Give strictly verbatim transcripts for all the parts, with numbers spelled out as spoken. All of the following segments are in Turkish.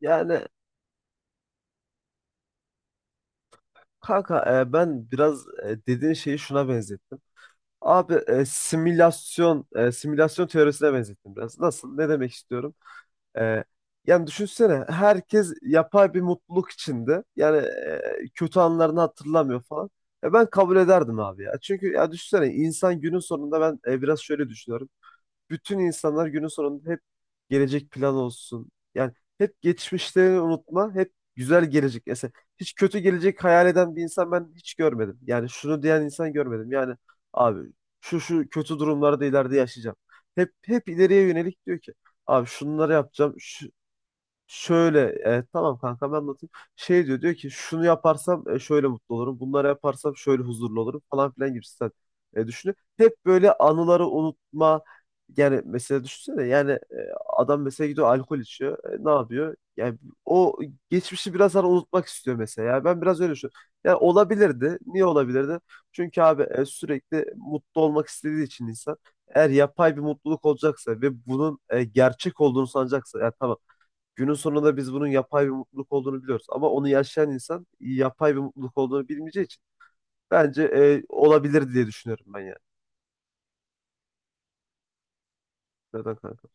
Yani kanka, e, ben biraz e, dediğin şeyi şuna benzettim. Abi e, simülasyon e, simülasyon teorisine benzettim biraz. Nasıl? Ne demek istiyorum? E, Yani düşünsene, herkes yapay bir mutluluk içinde. Yani e, kötü anlarını hatırlamıyor falan. E, ben kabul ederdim abi ya. Çünkü ya düşünsene, insan günün sonunda, ben e, biraz şöyle düşünüyorum. Bütün insanlar günün sonunda hep gelecek plan olsun. Yani hep geçmişlerini unutma, hep güzel gelecek. Mesela hiç kötü gelecek hayal eden bir insan ben hiç görmedim. Yani şunu diyen insan görmedim. Yani abi, şu şu kötü durumlarda ileride yaşayacağım. Hep hep ileriye yönelik diyor ki abi şunları yapacağım. Şu, Şöyle e, tamam kanka, ben anlatayım. Şey diyor diyor ki, şunu yaparsam e, şöyle mutlu olurum. Bunları yaparsam şöyle huzurlu olurum falan filan gibisinden e, düşünüyor. Hep böyle anıları unutma. Yani mesela düşünsene, yani e, adam mesela gidiyor alkol içiyor. E, ne yapıyor? Yani o geçmişi biraz hani unutmak istiyor mesela. Yani ben biraz öyle düşünüyorum. Yani olabilirdi. Niye olabilirdi? Çünkü abi e, sürekli mutlu olmak istediği için insan, eğer yapay bir mutluluk olacaksa ve bunun e, gerçek olduğunu sanacaksa, ya tamam. Günün sonunda biz bunun yapay bir mutluluk olduğunu biliyoruz. Ama onu yaşayan insan yapay bir mutluluk olduğunu bilmeyeceği için bence e, olabilir diye düşünüyorum ben yani. Neden kanka?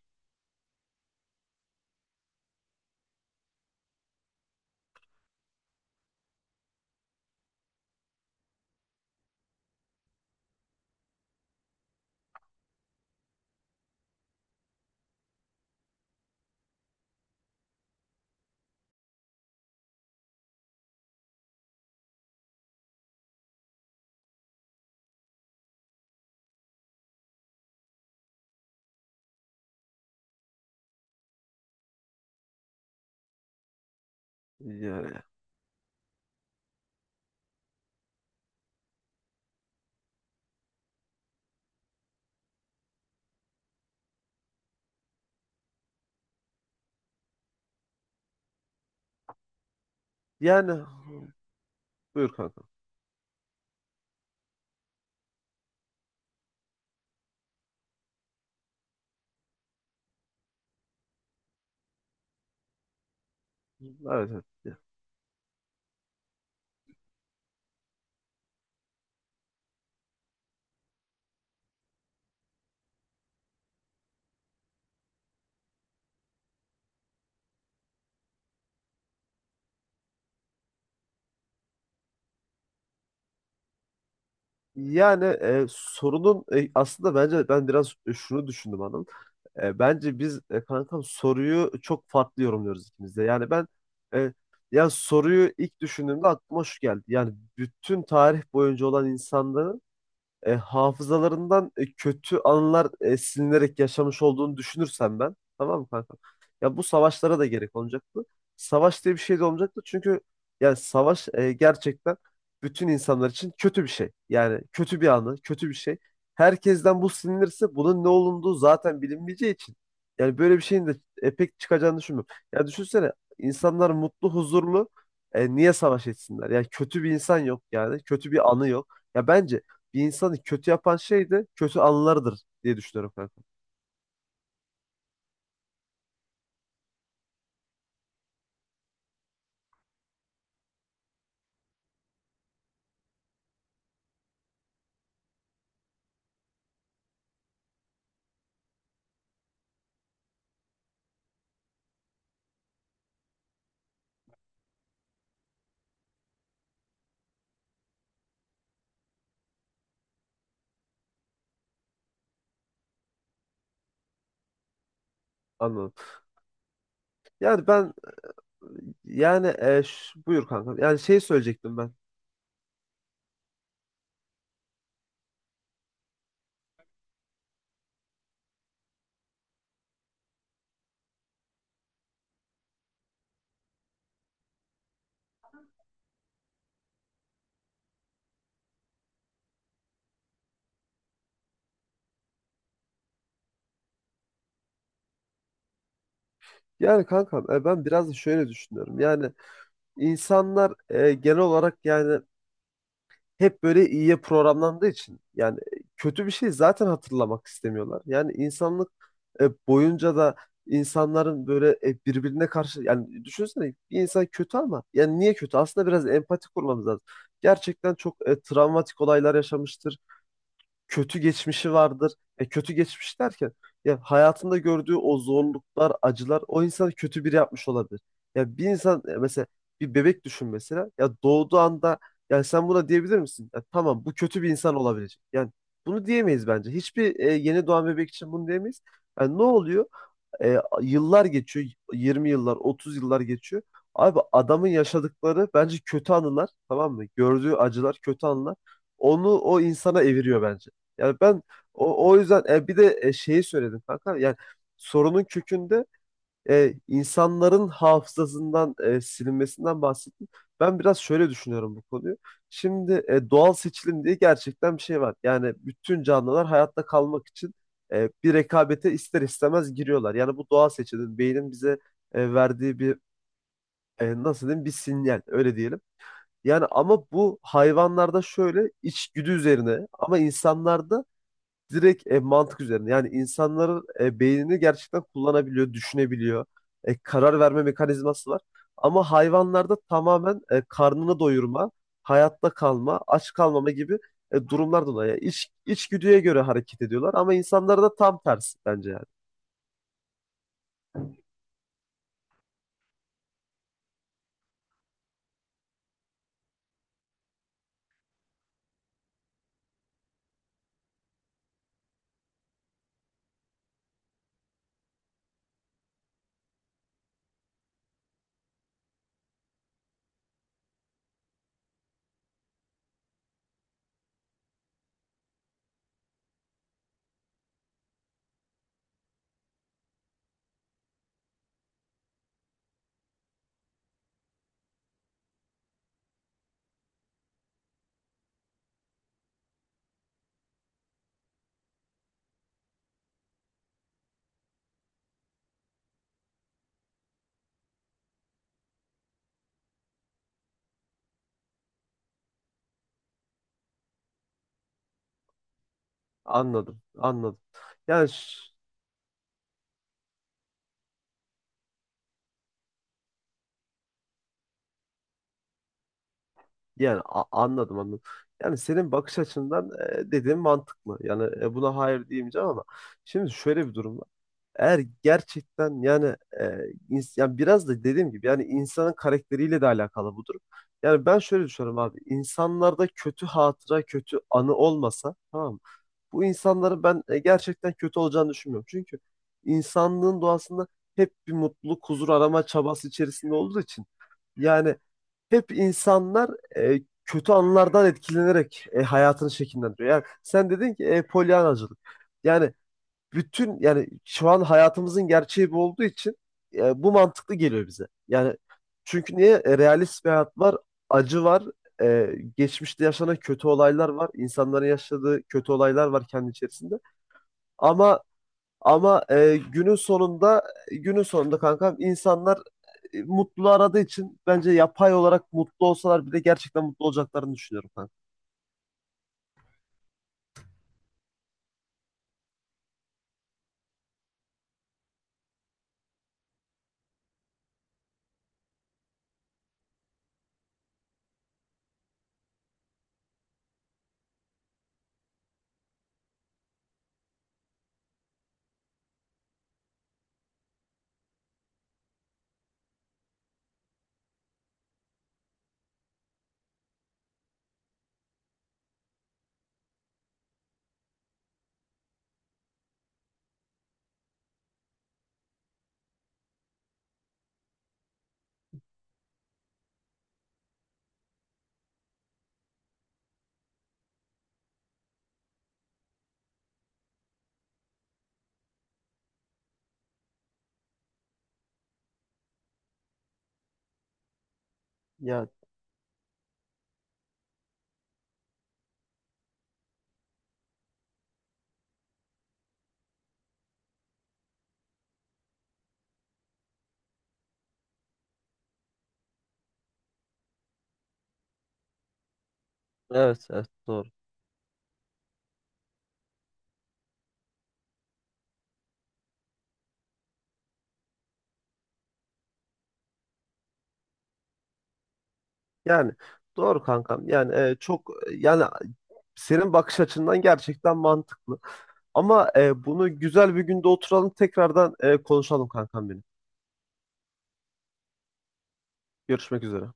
Yani, yani buyur kanka. Evet, evet. Ya. Yani e, sorunun e, aslında bence ben biraz e, şunu düşündüm hanım. E, bence biz, e, kankam, soruyu çok farklı yorumluyoruz ikimiz de. Yani ben, e, ya soruyu ilk düşündüğümde aklıma şu geldi. Yani bütün tarih boyunca olan insanların e, hafızalarından e, kötü anılar e, silinerek yaşamış olduğunu düşünürsem ben, tamam mı kanka? Ya bu savaşlara da gerek olmayacaktı. Savaş diye bir şey de olmayacaktı, çünkü yani savaş e, gerçekten bütün insanlar için kötü bir şey. Yani kötü bir anı, kötü bir şey. Herkesten bu silinirse bunun ne olunduğu zaten bilinmeyeceği için yani böyle bir şeyin de e, pek çıkacağını düşünmüyorum. Ya düşünsene, insanlar mutlu, huzurlu. E, niye savaş etsinler? Yani kötü bir insan yok yani. Kötü bir anı yok. Ya bence bir insanı kötü yapan şey de kötü anılarıdır diye düşünüyorum kanka. Anladım. Yani ben, yani e, ş- buyur kanka. Yani şey söyleyecektim ben. Yani kanka, e, ben biraz da şöyle düşünüyorum. Yani insanlar e, genel olarak yani hep böyle iyiye programlandığı için yani e, kötü bir şey zaten hatırlamak istemiyorlar. Yani insanlık e, boyunca da insanların böyle e, birbirine karşı, yani düşünsene, bir insan kötü ama yani niye kötü? Aslında biraz empati kurmamız lazım. Gerçekten çok e, travmatik olaylar yaşamıştır, kötü geçmişi vardır. E, kötü geçmiş derken, ya hayatında gördüğü o zorluklar, acılar o insanı kötü biri yapmış olabilir. Ya bir insan, e, mesela bir bebek düşün mesela. Ya doğduğu anda yani sen buna diyebilir misin? Ya tamam, bu kötü bir insan olabilecek. Yani bunu diyemeyiz bence. Hiçbir e, yeni doğan bebek için bunu diyemeyiz. Yani ne oluyor? E, Yıllar geçiyor. yirmi yıllar, otuz yıllar geçiyor. Abi adamın yaşadıkları bence kötü anılar, tamam mı? Gördüğü acılar, kötü anılar. Onu o insana eviriyor bence. Yani ben o, o yüzden e, bir de e, şeyi söyledim kanka. Yani sorunun kökünde e, insanların hafızasından e, silinmesinden bahsettim. Ben biraz şöyle düşünüyorum bu konuyu. Şimdi e, doğal seçilim diye gerçekten bir şey var. Yani bütün canlılar hayatta kalmak için e, bir rekabete ister istemez giriyorlar. Yani bu doğal seçilim beynin bize e, verdiği bir, e, nasıl diyeyim, bir sinyal öyle diyelim. Yani ama bu hayvanlarda şöyle içgüdü üzerine, ama insanlarda direkt e, mantık üzerine. Yani insanların e, beynini gerçekten kullanabiliyor, düşünebiliyor. E, karar verme mekanizması var. Ama hayvanlarda tamamen e, karnını doyurma, hayatta kalma, aç kalmama gibi e, durumlar dolayı. Yani İç, içgüdüye göre hareket ediyorlar, ama insanlarda tam tersi bence yani. Anladım, anladım. Yani ş- yani a- Anladım, anladım. Yani senin bakış açından e, dediğin mantıklı. Yani, e, buna hayır diyemeyeceğim, ama şimdi şöyle bir durum var. Eğer gerçekten yani, e, ins- yani biraz da dediğim gibi yani insanın karakteriyle de alakalı bu durum. Yani ben şöyle düşünüyorum abi. İnsanlarda kötü hatıra, kötü anı olmasa, tamam mı? Bu insanların ben e, gerçekten kötü olacağını düşünmüyorum. Çünkü insanlığın doğasında hep bir mutluluk, huzur arama çabası içerisinde olduğu için yani hep insanlar e, kötü anlardan etkilenerek e, hayatını şekillendiriyor. Yani sen dedin ki e, polyanacılık. Yani bütün, yani şu an hayatımızın gerçeği bu olduğu için e, bu mantıklı geliyor bize. Yani çünkü niye? E, realist bir hayat var, acı var, e, geçmişte yaşanan kötü olaylar var, insanların yaşadığı kötü olaylar var kendi içerisinde. Ama ama e, günün sonunda günün sonunda kankam, insanlar e, mutluluğu aradığı için bence yapay olarak mutlu olsalar bile gerçekten mutlu olacaklarını düşünüyorum kanka. Yani, evet, evet, doğru. Yani doğru kankam. Yani e, çok, yani senin bakış açından gerçekten mantıklı. Ama e, bunu güzel bir günde oturalım, tekrardan e, konuşalım kankam benim. Görüşmek üzere.